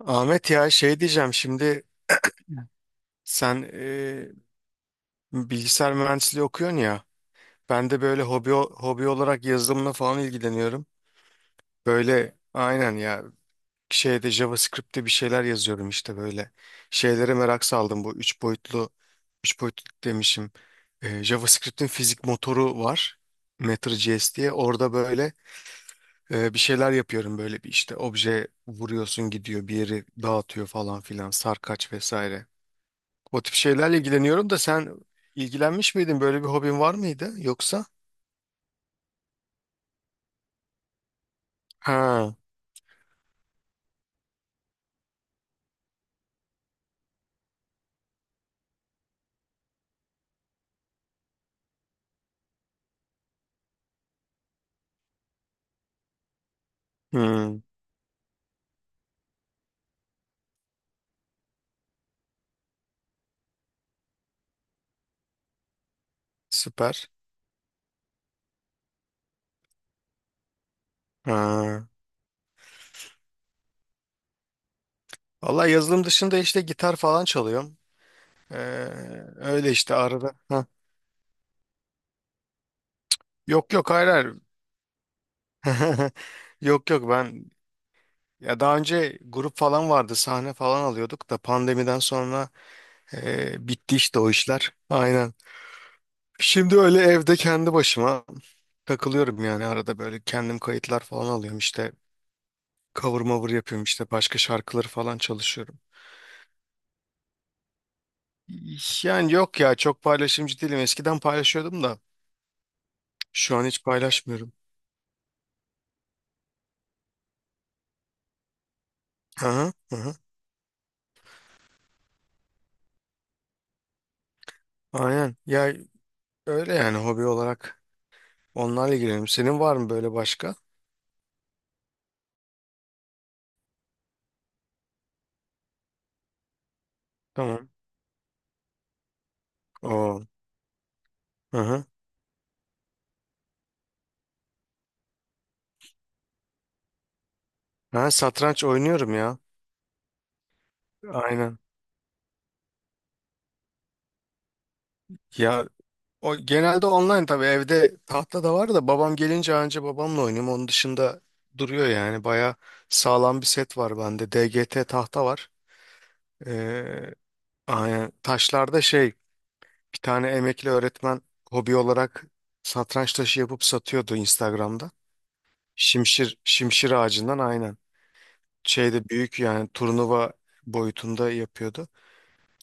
Ahmet, ya şey diyeceğim şimdi. Sen bilgisayar mühendisliği okuyorsun ya. Ben de böyle hobi olarak yazılımla falan ilgileniyorum. Böyle aynen ya, şeyde JavaScript'te bir şeyler yazıyorum işte, böyle şeylere merak saldım. Bu üç boyutlu üç boyutlu demişim. JavaScript'in fizik motoru var, Matter.js diye. Orada böyle bir şeyler yapıyorum, böyle bir işte obje vuruyorsun gidiyor, bir yeri dağıtıyor falan filan, sarkaç vesaire. O tip şeylerle ilgileniyorum da, sen ilgilenmiş miydin? Böyle bir hobin var mıydı yoksa? Ha, hmm, süper. Ha. Vallahi yazılım dışında işte gitar falan çalıyorum. Ee, öyle işte arada. Ha. Yok yok, hayır hayır. Yok yok, ben ya daha önce grup falan vardı, sahne falan alıyorduk da, pandemiden sonra bitti işte o işler. Aynen. Şimdi öyle evde kendi başıma takılıyorum yani, arada böyle kendim kayıtlar falan alıyorum işte. Cover mover yapıyorum işte, başka şarkıları falan çalışıyorum. Yani yok ya, çok paylaşımcı değilim. Eskiden paylaşıyordum da şu an hiç paylaşmıyorum. Aha, aha. Aynen. Ya öyle yani, hobi olarak onlarla ilgileniyorum. Senin var mı böyle başka? Tamam. Oo. Aha. Ben satranç oynuyorum ya. Aynen. Ya o genelde online tabii, evde tahta da var da babam gelince anca babamla oynuyorum. Onun dışında duruyor yani. Baya sağlam bir set var bende. DGT tahta var. Ee, Aynen. Taşlarda şey, bir tane emekli öğretmen hobi olarak satranç taşı yapıp satıyordu Instagram'da. Şimşir, şimşir ağacından aynen. Şeyde büyük yani, turnuva boyutunda yapıyordu.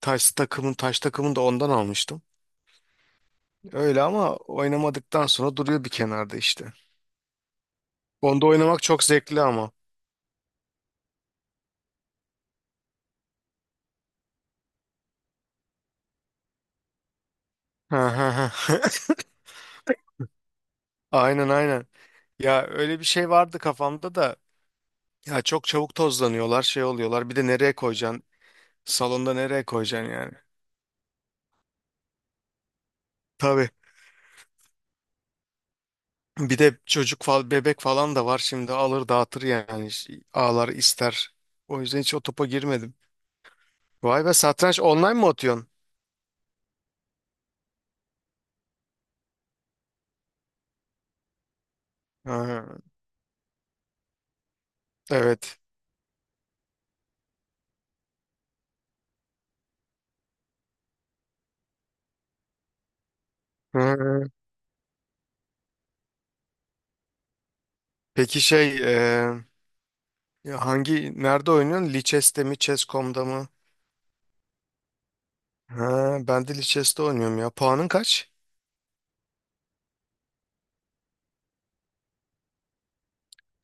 Taş takımın taş takımını da ondan almıştım. Öyle ama oynamadıktan sonra duruyor bir kenarda işte. Onda oynamak çok zevkli ama. Aynen aynen. Ya öyle bir şey vardı kafamda da. Ya çok çabuk tozlanıyorlar, şey oluyorlar. Bir de nereye koyacaksın? Salonda nereye koyacaksın yani? Tabii. Bir de çocuk falan, bebek falan da var şimdi, alır dağıtır yani. Ağlar ister. O yüzden hiç o topa girmedim. Vay be, satranç online mı atıyorsun? Ha, evet. Hı. Peki şey, ya hangi, nerede oynuyorsun? Lichess'te mi Chess.com'da mı? Ha, ben de Lichess'te oynuyorum ya. Puanın kaç?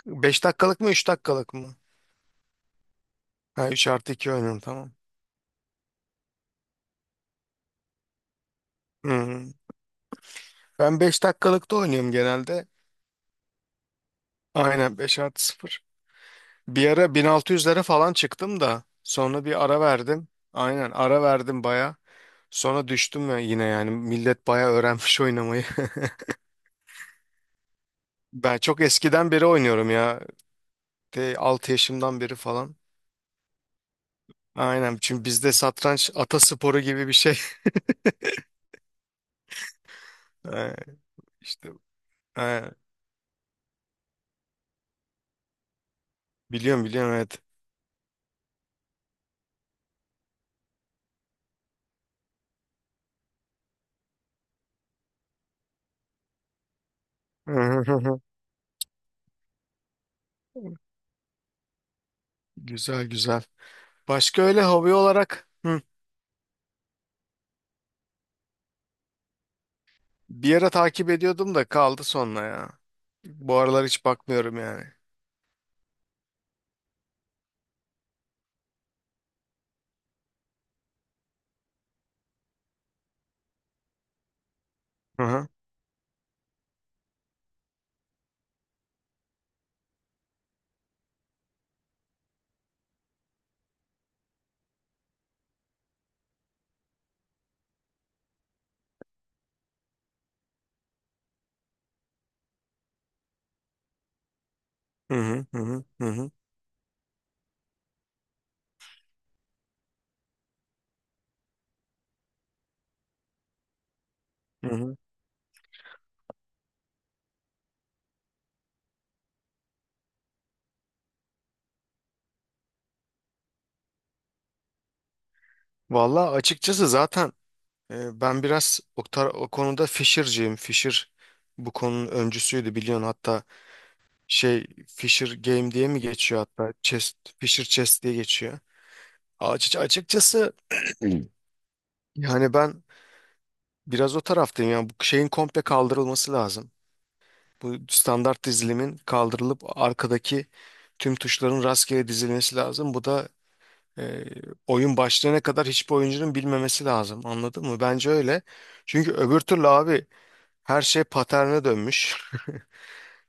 Beş dakikalık mı 3 dakikalık mı? Ha, 3 artı 2 oynuyorum, tamam. Hı. Ben 5 dakikalıkta oynuyorum genelde. Aynen, 5 artı sıfır. Bir ara 1600'lere falan çıktım da sonra bir ara verdim. Aynen, ara verdim baya. Sonra düştüm ya yine, yani millet baya öğrenmiş oynamayı. Ben çok eskiden beri oynuyorum ya. De, 6 yaşımdan beri falan. Aynen, çünkü bizde satranç atasporu gibi bir şey. Ee, İşte ee, biliyorum biliyorum, evet. Güzel güzel. Başka öyle hobi olarak, bir ara takip ediyordum da kaldı sonra ya. Bu aralar hiç bakmıyorum yani. Hı hı hı hı hı hı. Hı hı. Vallahi açıkçası zaten, ben biraz o konuda Fisher'cıyım. Fisher bu konunun öncüsüydü, biliyorsun. Hatta şey, Fisher Game diye mi geçiyor hatta, Chess, Fisher Chess diye geçiyor. Açıkçası yani, ben biraz o taraftayım. Yani bu şeyin komple kaldırılması lazım. Bu standart dizilimin kaldırılıp arkadaki tüm tuşların rastgele dizilmesi lazım. Bu da E, oyun başlayana kadar hiçbir oyuncunun bilmemesi lazım. Anladın mı? Bence öyle. Çünkü öbür türlü abi, her şey paterne dönmüş.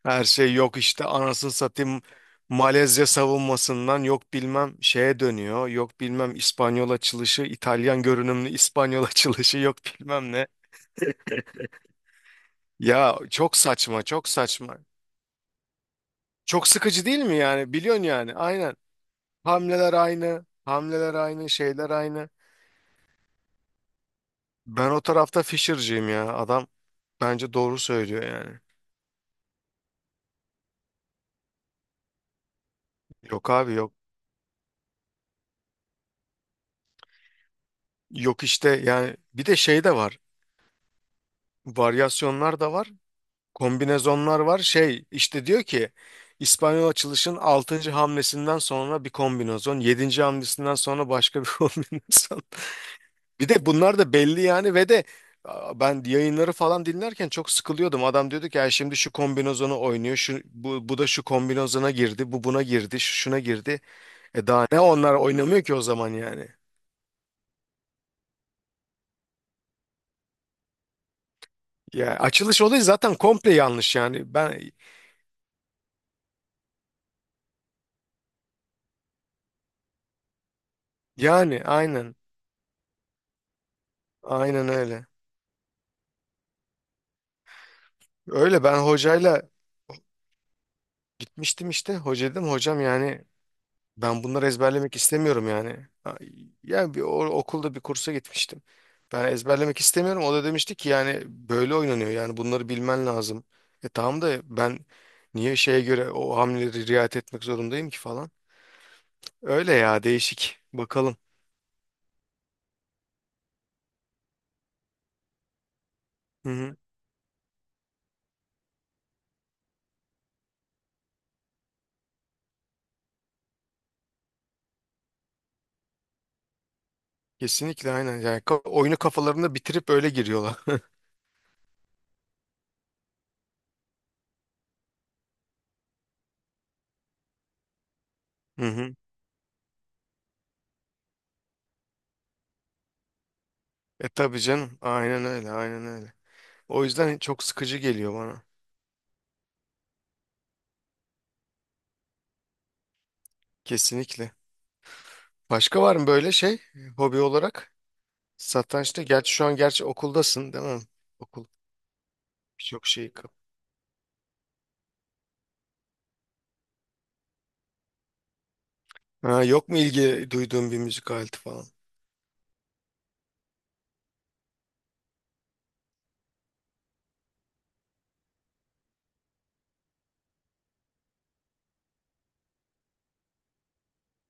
Her şey yok, işte anasını satayım, Malezya savunmasından yok bilmem şeye dönüyor. Yok bilmem İspanyol açılışı, İtalyan görünümlü İspanyol açılışı, yok bilmem ne. Ya çok saçma, çok saçma. Çok sıkıcı değil mi yani? Biliyorsun yani. Aynen. Hamleler aynı, hamleler aynı, şeyler aynı. Ben o tarafta Fisher'cıyım ya. Adam bence doğru söylüyor yani. Yok abi, yok. Yok, işte yani bir de şey de var. Varyasyonlar da var. Kombinezonlar var. Şey, işte diyor ki, İspanyol açılışın altıncı hamlesinden sonra bir kombinezon, yedinci hamlesinden sonra başka bir kombinezon. Bir de bunlar da belli yani, ve de ben yayınları falan dinlerken çok sıkılıyordum. Adam diyordu ki, ya şimdi şu kombinezonu oynuyor. Şu, bu, bu da şu kombinezona girdi. Bu buna girdi. Şu şuna girdi. E daha ne, onlar oynamıyor ki o zaman yani. Ya açılış olayı zaten komple yanlış yani. Ben yani, aynen. Aynen öyle. Öyle ben hocayla gitmiştim işte. Hoca dedim, hocam yani, ben bunları ezberlemek istemiyorum yani. Ha, yani bir okulda bir kursa gitmiştim. Ben ezberlemek istemiyorum. O da demişti ki yani, böyle oynanıyor, yani bunları bilmen lazım. E tamam da, ben niye şeye göre o hamleleri riayet etmek zorundayım ki falan. Öyle ya, değişik. Bakalım. Hı hı. Kesinlikle aynen. Yani oyunu kafalarında bitirip öyle giriyorlar. Hı hı. E tabii canım. Aynen öyle, aynen öyle. O yüzden çok sıkıcı geliyor bana. Kesinlikle. Başka var mı böyle şey, hobi olarak? Satrançta. Gerçi şu an gerçi okuldasın, değil mi? Okul birçok şeyi kap. Ha, yok mu ilgi duyduğun bir müzik aleti falan?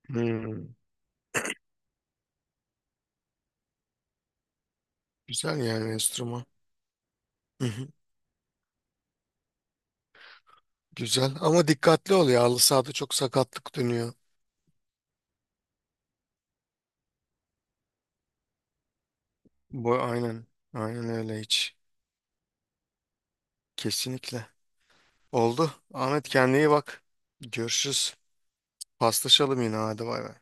Hmm. Güzel yani, enstrüman. Hı hı. Güzel ama dikkatli ol ya. Halı sahada çok sakatlık dönüyor. Bu aynen. Aynen öyle hiç. Kesinlikle. Oldu. Ahmet, kendine iyi bak. Görüşürüz. Paslaşalım yine, hadi bay bay.